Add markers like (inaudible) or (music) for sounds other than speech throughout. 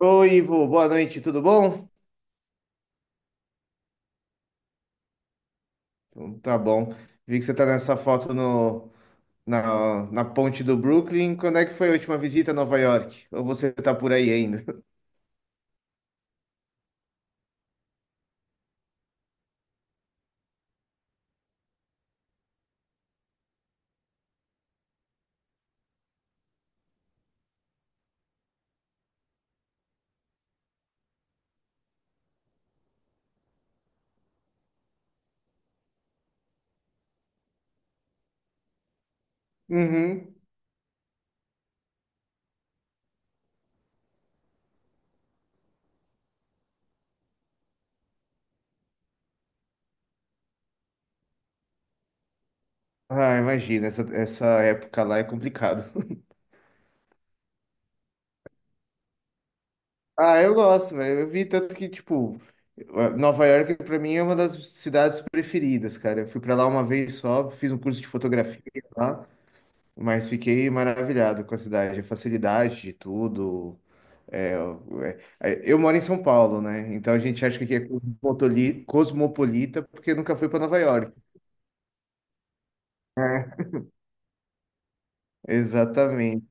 Oi, Ivo, boa noite, tudo bom? Então, tá bom. Vi que você tá nessa foto no, na, na ponte do Brooklyn. Quando é que foi a última visita a Nova York? Ou você tá por aí ainda? (laughs) Uhum. Ah, imagina, essa época lá é complicado. (laughs) Ah, eu gosto, velho. Eu vi tanto que, tipo, Nova York pra mim é uma das cidades preferidas, cara. Eu fui pra lá uma vez só, fiz um curso de fotografia lá, mas fiquei maravilhado com a cidade, a facilidade de tudo. É, é, eu moro em São Paulo, né? Então a gente acha que aqui é cosmopolita porque nunca foi para Nova York. É, exatamente.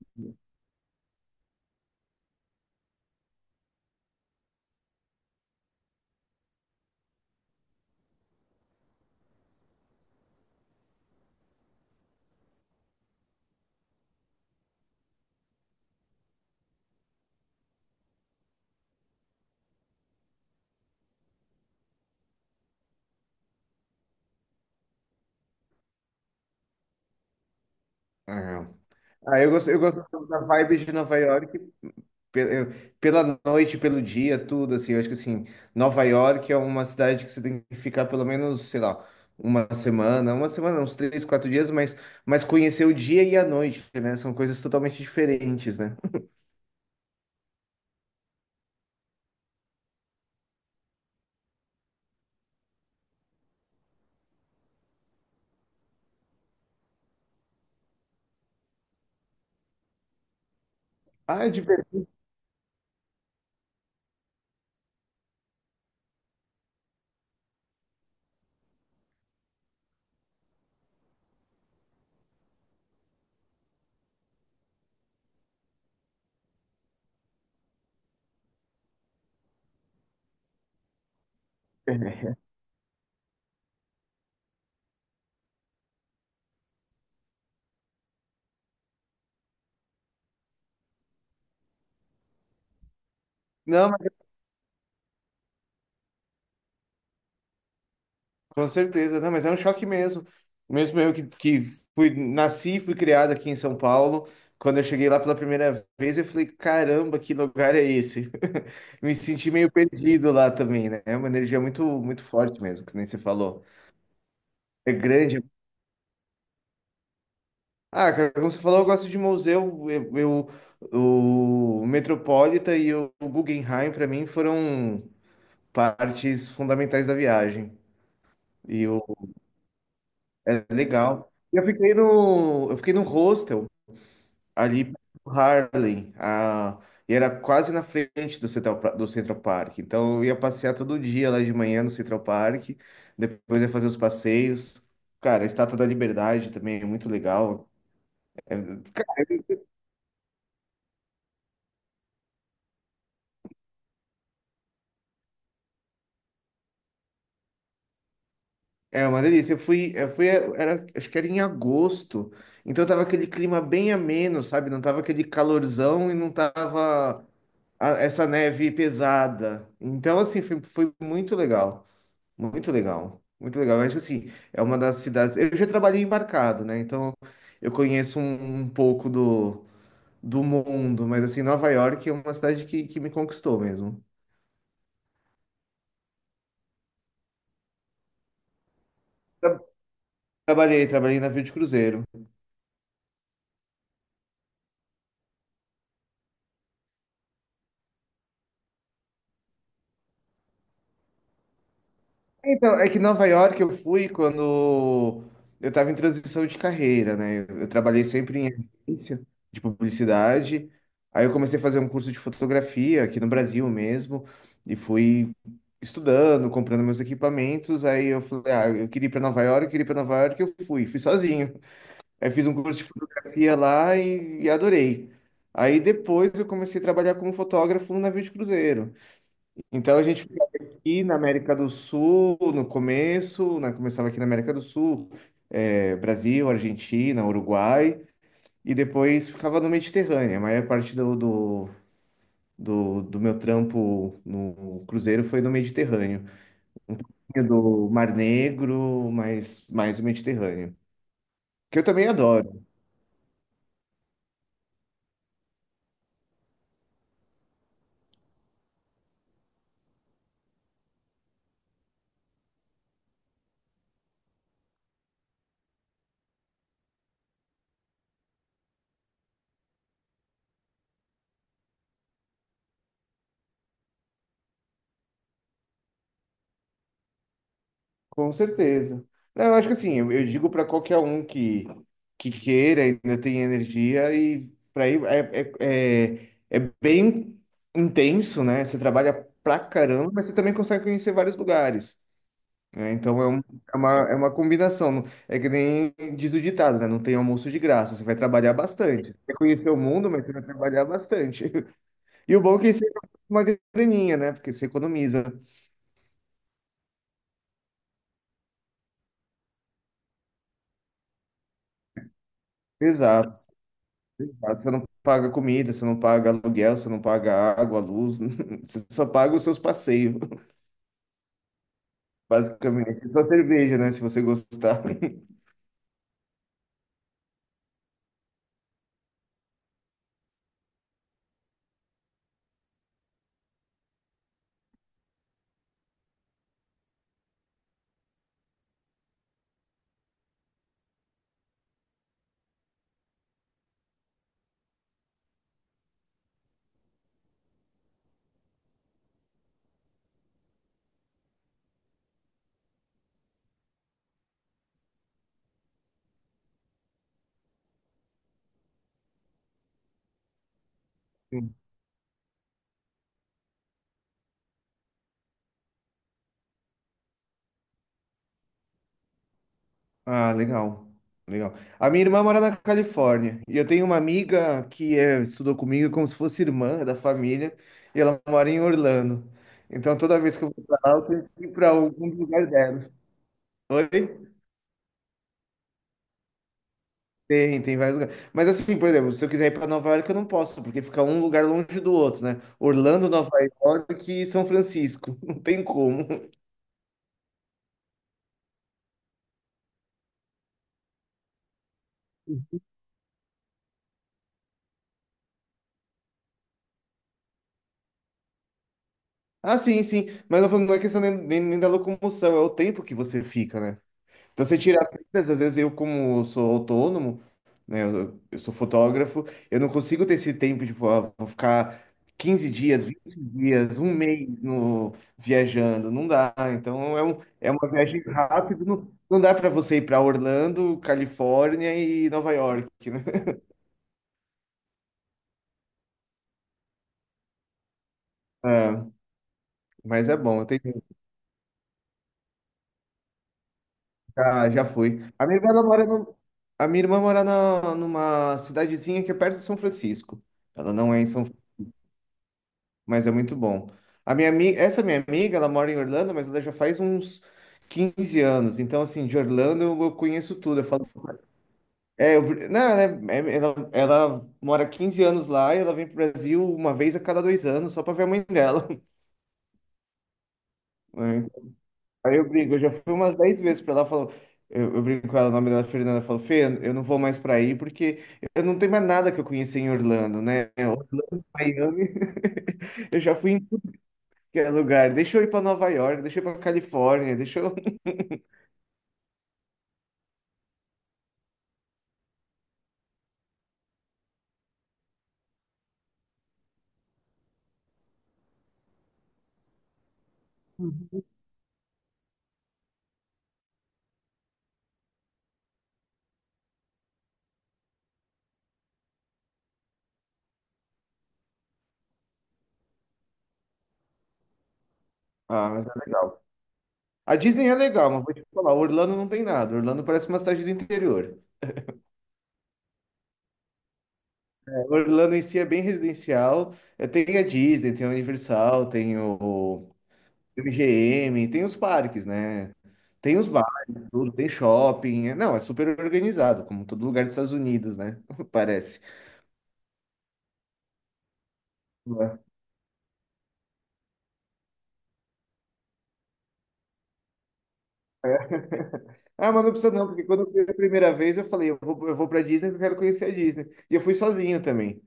É. Ah, eu gosto da vibe de Nova York pe- eu- pela noite, pelo dia, tudo assim. Eu acho que assim, Nova York é uma cidade que você tem que ficar pelo menos, sei lá, uma semana, uns 3, 4 dias, mas conhecer o dia e a noite, né? São coisas totalmente diferentes, né? Ah, de... Belém. Não, com certeza, não, mas é um choque mesmo. Mesmo eu que fui, nasci e fui criado aqui em São Paulo, quando eu cheguei lá pela primeira vez, eu falei, caramba, que lugar é esse? (laughs) Me senti meio perdido lá também, né? É uma energia muito, muito forte mesmo, que nem você falou. É grande. Ah, cara, como você falou, eu gosto de museu. O Metropolitan e o Guggenheim, para mim, foram partes fundamentais da viagem. E o, é legal. Eu fiquei no hostel ali pro Harlem, e era quase na frente do do Central Park. Então eu ia passear todo dia lá de manhã no Central Park, depois ia fazer os passeios. Cara, a Estátua da Liberdade também é muito legal. É, cara, é uma delícia. Eu fui, era, acho que era em agosto, então tava aquele clima bem ameno, sabe? Não tava aquele calorzão e não tava essa neve pesada. Então, assim, foi, foi muito legal. Muito legal, muito legal. Eu acho que assim, é uma das cidades. Eu já trabalhei embarcado, né? Então eu conheço um pouco do mundo, mas assim, Nova York é uma cidade que me conquistou mesmo. Tra- Trabalhei, trabalhei em navio de cruzeiro. Então, é que Nova York eu fui quando eu estava em transição de carreira, né? Eu trabalhei sempre em agência de publicidade. Aí eu comecei a fazer um curso de fotografia aqui no Brasil mesmo e fui estudando, comprando meus equipamentos. Aí eu falei, ah, eu queria ir para Nova York, eu queria ir para Nova York, eu fui, fui sozinho. Aí fiz um curso de fotografia lá e adorei. Aí depois eu comecei a trabalhar como fotógrafo no navio de cruzeiro. Então a gente ficava aqui na América do Sul no começo, né? Começava aqui na América do Sul, é, Brasil, Argentina, Uruguai, e depois ficava no Mediterrâneo. A maior parte do meu trampo no cruzeiro foi no Mediterrâneo, do Mar Negro, mas mais o Mediterrâneo, que eu também adoro. Com certeza. Não, eu acho que assim, eu digo para qualquer um que queira, ainda tem energia, e para ir é bem intenso, né? Você trabalha pra caramba, mas você também consegue conhecer vários lugares. Né? É uma combinação. É que nem diz o ditado, né? Não tem almoço de graça, você vai trabalhar bastante. Você quer conhecer o mundo, mas você vai trabalhar bastante. (laughs) E o bom é que você tem uma graninha, né? Porque você economiza. Exato. Exato, você não paga comida, você não paga aluguel, você não paga água, luz, (laughs) você só paga os seus passeios, (laughs) basicamente. Só cerveja, né? Se você gostar. Ah, legal. Legal. A minha irmã mora na Califórnia e eu tenho uma amiga que é, estudou comigo como se fosse irmã da família e ela mora em Orlando. Então toda vez que eu vou pra lá, eu tenho que ir pra algum lugar delas. Oi? Tem, tem vários lugares. Mas assim, por exemplo, se eu quiser ir para Nova York, eu não posso, porque fica um lugar longe do outro, né? Orlando, Nova York e São Francisco. (laughs) Não tem como. Ah, sim, sim. Mas não é questão nem da locomoção, é o tempo que você fica, né? Então você tira fitas, às vezes eu, como sou autônomo, né, eu sou fotógrafo, eu não consigo ter esse tempo de, tipo, ah, vou ficar 15 dias, 20 dias, um mês no, viajando, não dá. Então é, um, é uma viagem rápida, não, não dá para você ir para Orlando, Califórnia e Nova York, (laughs) né? Ah, mas é bom, eu tenho, já, já fui. A minha irmã ela mora no, a minha irmã mora na, numa cidadezinha que é perto de São Francisco. Ela não é em São mas é muito bom. Essa minha amiga, ela mora em Orlando, mas ela já faz uns 15 anos. Então, assim, de Orlando eu conheço tudo. Eu falo, é, eu, não, né, é, ela mora 15 anos lá e ela vem pro Brasil uma vez a cada 2 anos só pra ver a mãe dela. (laughs) Né? Aí eu brigo, eu já fui umas 10 vezes pra ela, falou, eu brinco com ela, o nome dela é Fernanda, eu falo, Fê, eu não vou mais pra aí porque eu não tenho mais nada que eu conheci em Orlando, né? Orlando, Miami, (laughs) eu já fui em que é lugar. Deixa eu ir pra Nova York, deixa eu ir pra Califórnia, deixa eu. (laughs) Ah, mas é legal. A Disney é legal, mas vou te falar, Orlando não tem nada. Orlando parece uma cidade do interior. É, Orlando em si é bem residencial. É, tem a Disney, tem a Universal, tem o MGM, tem os parques, né? Tem os bares, tudo, tem shopping. É- não, é super organizado, como todo lugar dos Estados Unidos, né? (laughs) Parece. Ué. Ah, mas não precisa não, porque quando eu fui a primeira vez, eu falei, eu vou pra Disney porque eu quero conhecer a Disney. E eu fui sozinho também.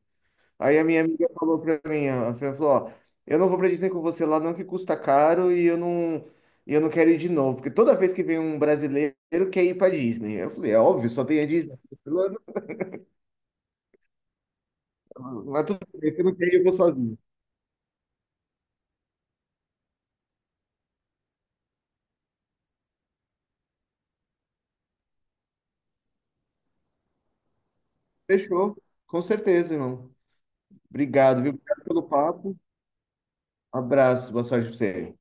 Aí a minha amiga falou pra mim, ó, ela falou, ó, eu não vou pra Disney com você lá, não que custa caro e eu não quero ir de novo, porque toda vez que vem um brasileiro quer ir pra Disney. Eu falei, é óbvio, só tem a Disney. Ela, "Não, mas tudo bem, se eu não quer ir, eu vou sozinho. Fechou, com certeza, irmão. Obrigado, viu? Obrigado pelo papo. Abraço, boa sorte pra você.